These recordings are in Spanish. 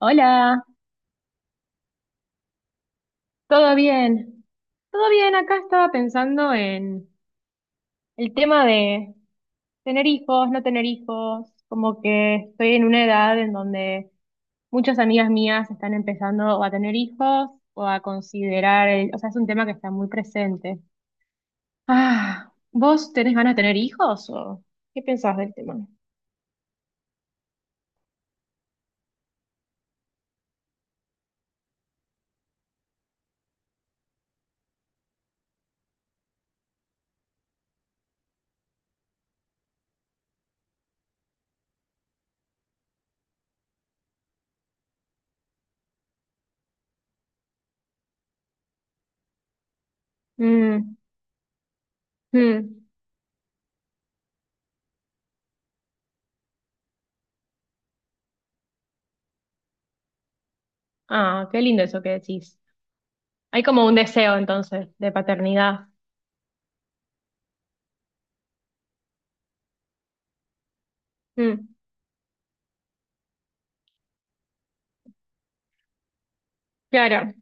Hola, ¿todo bien? Todo bien, acá estaba pensando en el tema de tener hijos, no tener hijos, como que estoy en una edad en donde muchas amigas mías están empezando o a tener hijos o a considerar, o sea, es un tema que está muy presente. Ah, ¿vos tenés ganas de tener hijos o qué pensás del tema? Mm, mm. Ah, qué lindo eso que decís. Hay como un deseo entonces de paternidad. Mm, claro.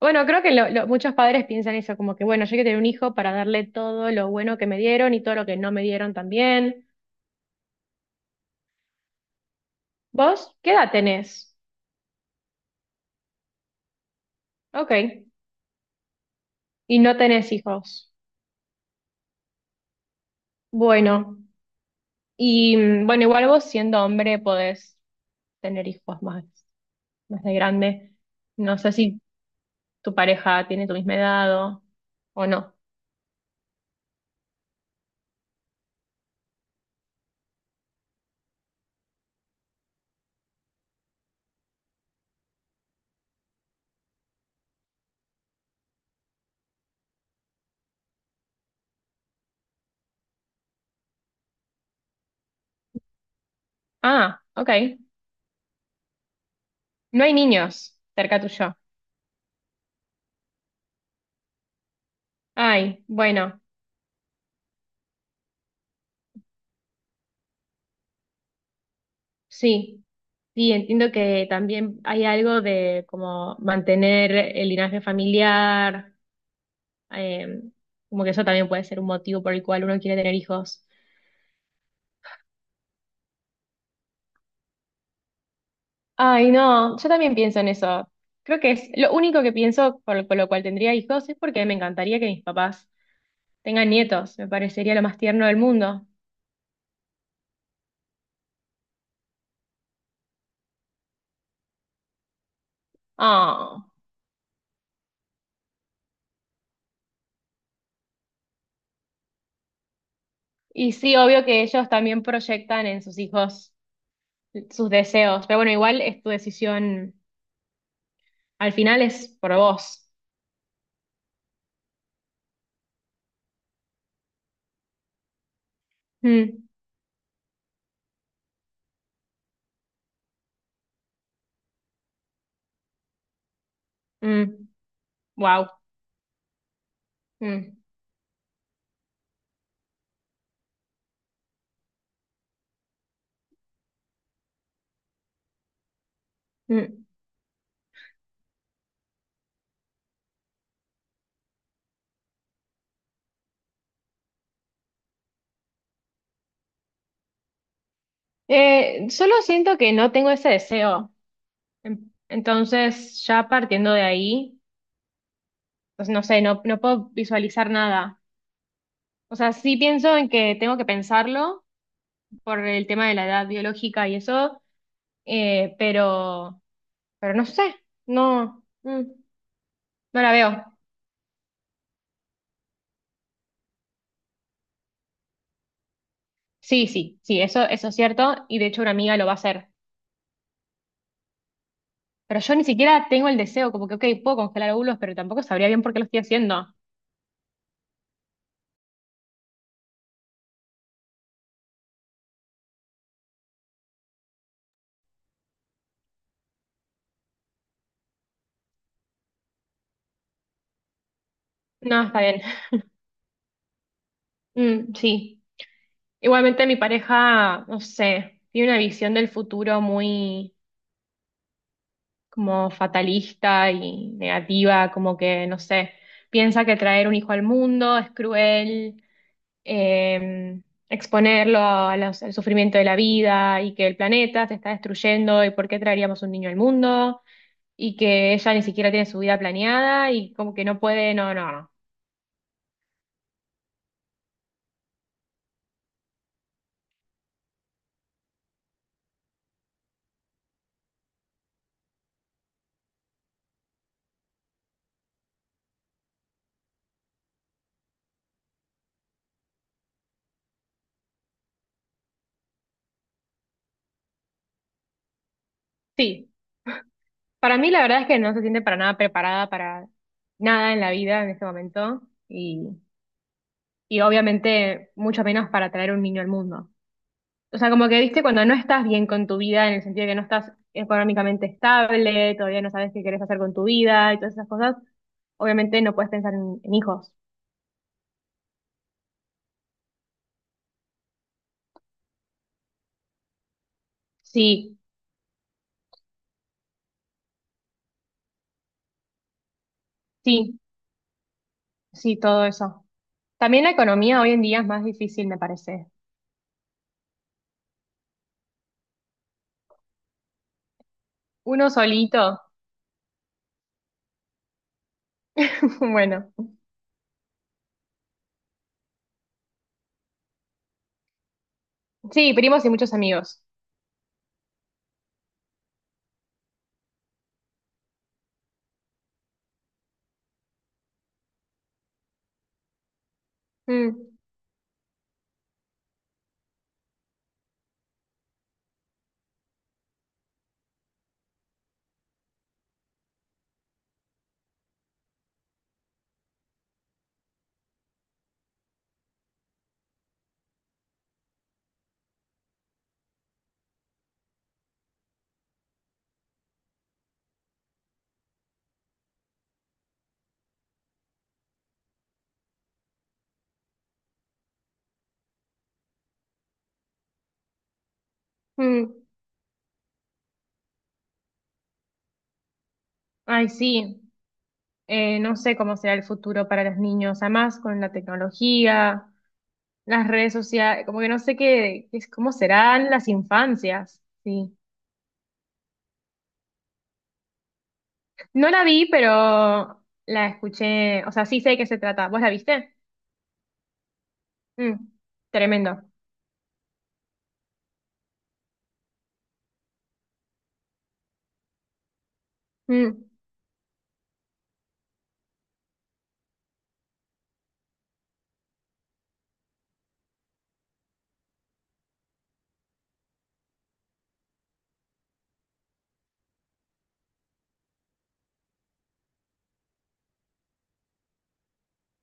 Bueno, creo que muchos padres piensan eso, como que bueno, yo quiero tener un hijo para darle todo lo bueno que me dieron y todo lo que no me dieron también. ¿Vos qué edad tenés? Ok. Y no tenés hijos. Bueno. Y bueno, igual vos siendo hombre podés tener hijos más, más de grande. No sé si tu pareja tiene tu misma edad o no. Ah, ok. No hay niños cerca tuyo. Ay, bueno. Sí, sí, entiendo que también hay algo de como mantener el linaje familiar, eh, como que eso también puede ser un motivo por el cual uno quiere tener hijos. Ay, no, yo también pienso en eso. Creo que es lo único que pienso por lo cual tendría hijos es porque me encantaría que mis papás tengan nietos. Me parecería lo más tierno del mundo. Ah. Y sí, obvio que ellos también proyectan en sus hijos sus deseos. Pero bueno, igual es tu decisión. Al final es por vos. Mm, mm, wow. Mm, mm. Solo siento que no tengo ese deseo. Entonces, ya partiendo de ahí, pues no sé, no, no puedo visualizar nada. O sea, sí pienso en que tengo que pensarlo por el tema de la edad biológica y eso, eh, pero, pero no sé, no, no la veo. Sí, sí, sí, eso es cierto, y de hecho una amiga lo va a hacer. Pero yo ni siquiera tengo el deseo, como que, ok, puedo congelar óvulos, pero tampoco sabría bien por qué lo estoy haciendo. No, está bien. Mm, sí. Igualmente mi pareja, no sé, tiene una visión del futuro muy como fatalista y negativa, como que, no sé, piensa que traer un hijo al mundo es cruel, eh, exponerlo a al sufrimiento de la vida y que el planeta se está destruyendo y por qué traeríamos un niño al mundo y que ella ni siquiera tiene su vida planeada y como que no puede, no, no. no. Sí, para mí la verdad es que no se siente para nada preparada para nada en la vida en este momento y, y obviamente mucho menos para traer un niño al mundo. O sea, como que viste cuando no estás bien con tu vida en el sentido de que no estás económicamente estable, todavía no sabes qué querés hacer con tu vida y todas esas cosas, obviamente no puedes pensar en hijos. Sí, sí, sí, todo eso. También la economía hoy en día es más difícil, me parece. Uno solito, bueno. Sí, primos y muchos amigos. Mm. Mm. Ay, sí. No sé cómo será el futuro para los niños, además con la tecnología, las redes sociales, como que no sé qué, cómo serán las infancias, sí. No la vi, pero la escuché, o sea, sí sé de qué se trata. ¿Vos la viste? Mm, tremendo. Mm,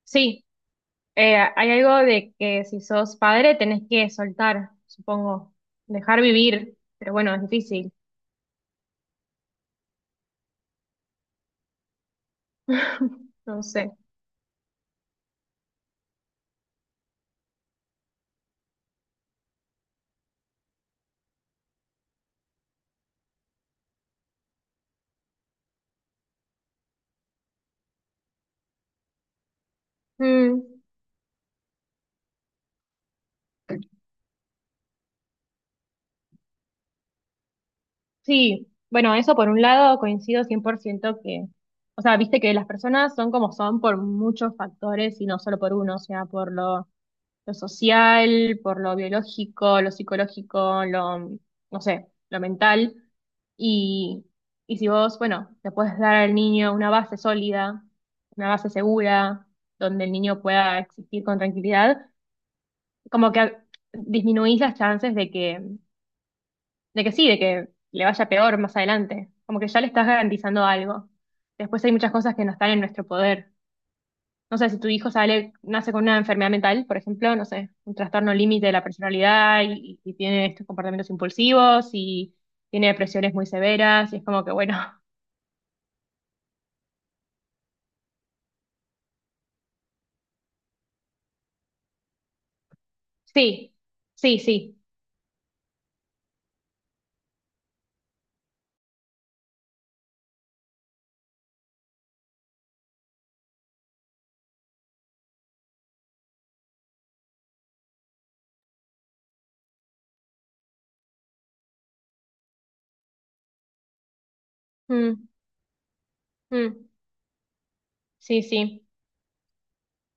sí. Hay algo de que si sos padre tenés que soltar, supongo, dejar vivir, pero bueno, es difícil. No sé. Mm. Sí, bueno, eso por un lado coincido 100% que, o sea, viste que las personas son como son por muchos factores y no solo por uno, o sea, por lo social, por lo biológico, lo psicológico, lo, no sé, lo mental. Y, y si vos, bueno, le puedes dar al niño una base sólida, una base segura, donde el niño pueda existir con tranquilidad, como que disminuís las chances de que sí, de que le vaya peor más adelante. Como que ya le estás garantizando algo. Después hay muchas cosas que no están en nuestro poder. No sé, si tu hijo sale, nace con una enfermedad mental, por ejemplo, no sé, un trastorno límite de la personalidad y tiene estos comportamientos impulsivos y tiene depresiones muy severas y es como que, bueno, sí, sí, sí. Mm, mm, sí, sí.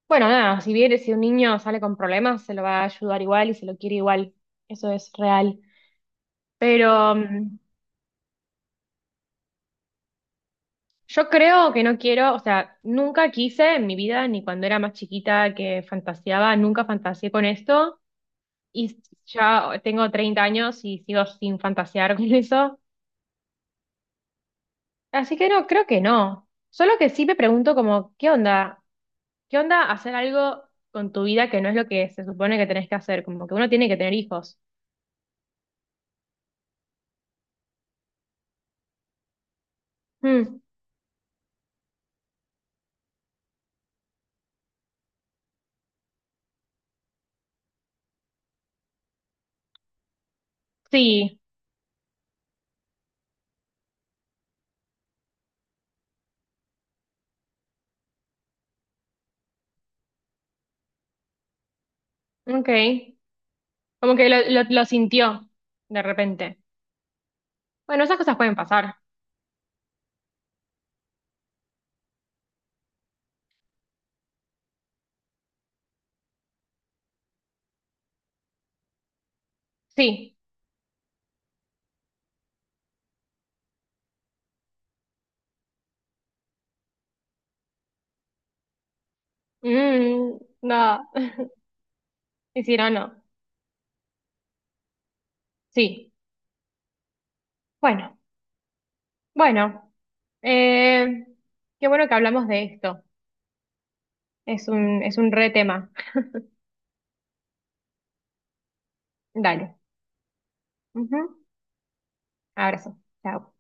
Bueno, nada, si bien si un niño sale con problemas, se lo va a ayudar igual y se lo quiere igual. Eso es real. Pero, mm. Yo creo que no quiero, o sea, nunca quise en mi vida, ni cuando era más chiquita que fantaseaba, nunca fantaseé con esto y ya tengo 30 años y sigo sin fantasear con eso. Así que no, creo que no. Solo que sí me pregunto como, ¿qué onda? ¿Qué onda hacer algo con tu vida que no es lo que se supone que tenés que hacer? Como que uno tiene que tener hijos. Mm, sí, ok. Como que lo sintió de repente. Bueno, esas cosas pueden pasar. Sí. Mm, no. Hicieron no. no. Sí. Bueno, bueno. eh, Qué bueno que hablamos de esto. Es un re tema. Dale. Ujú. Abrazo. Chao.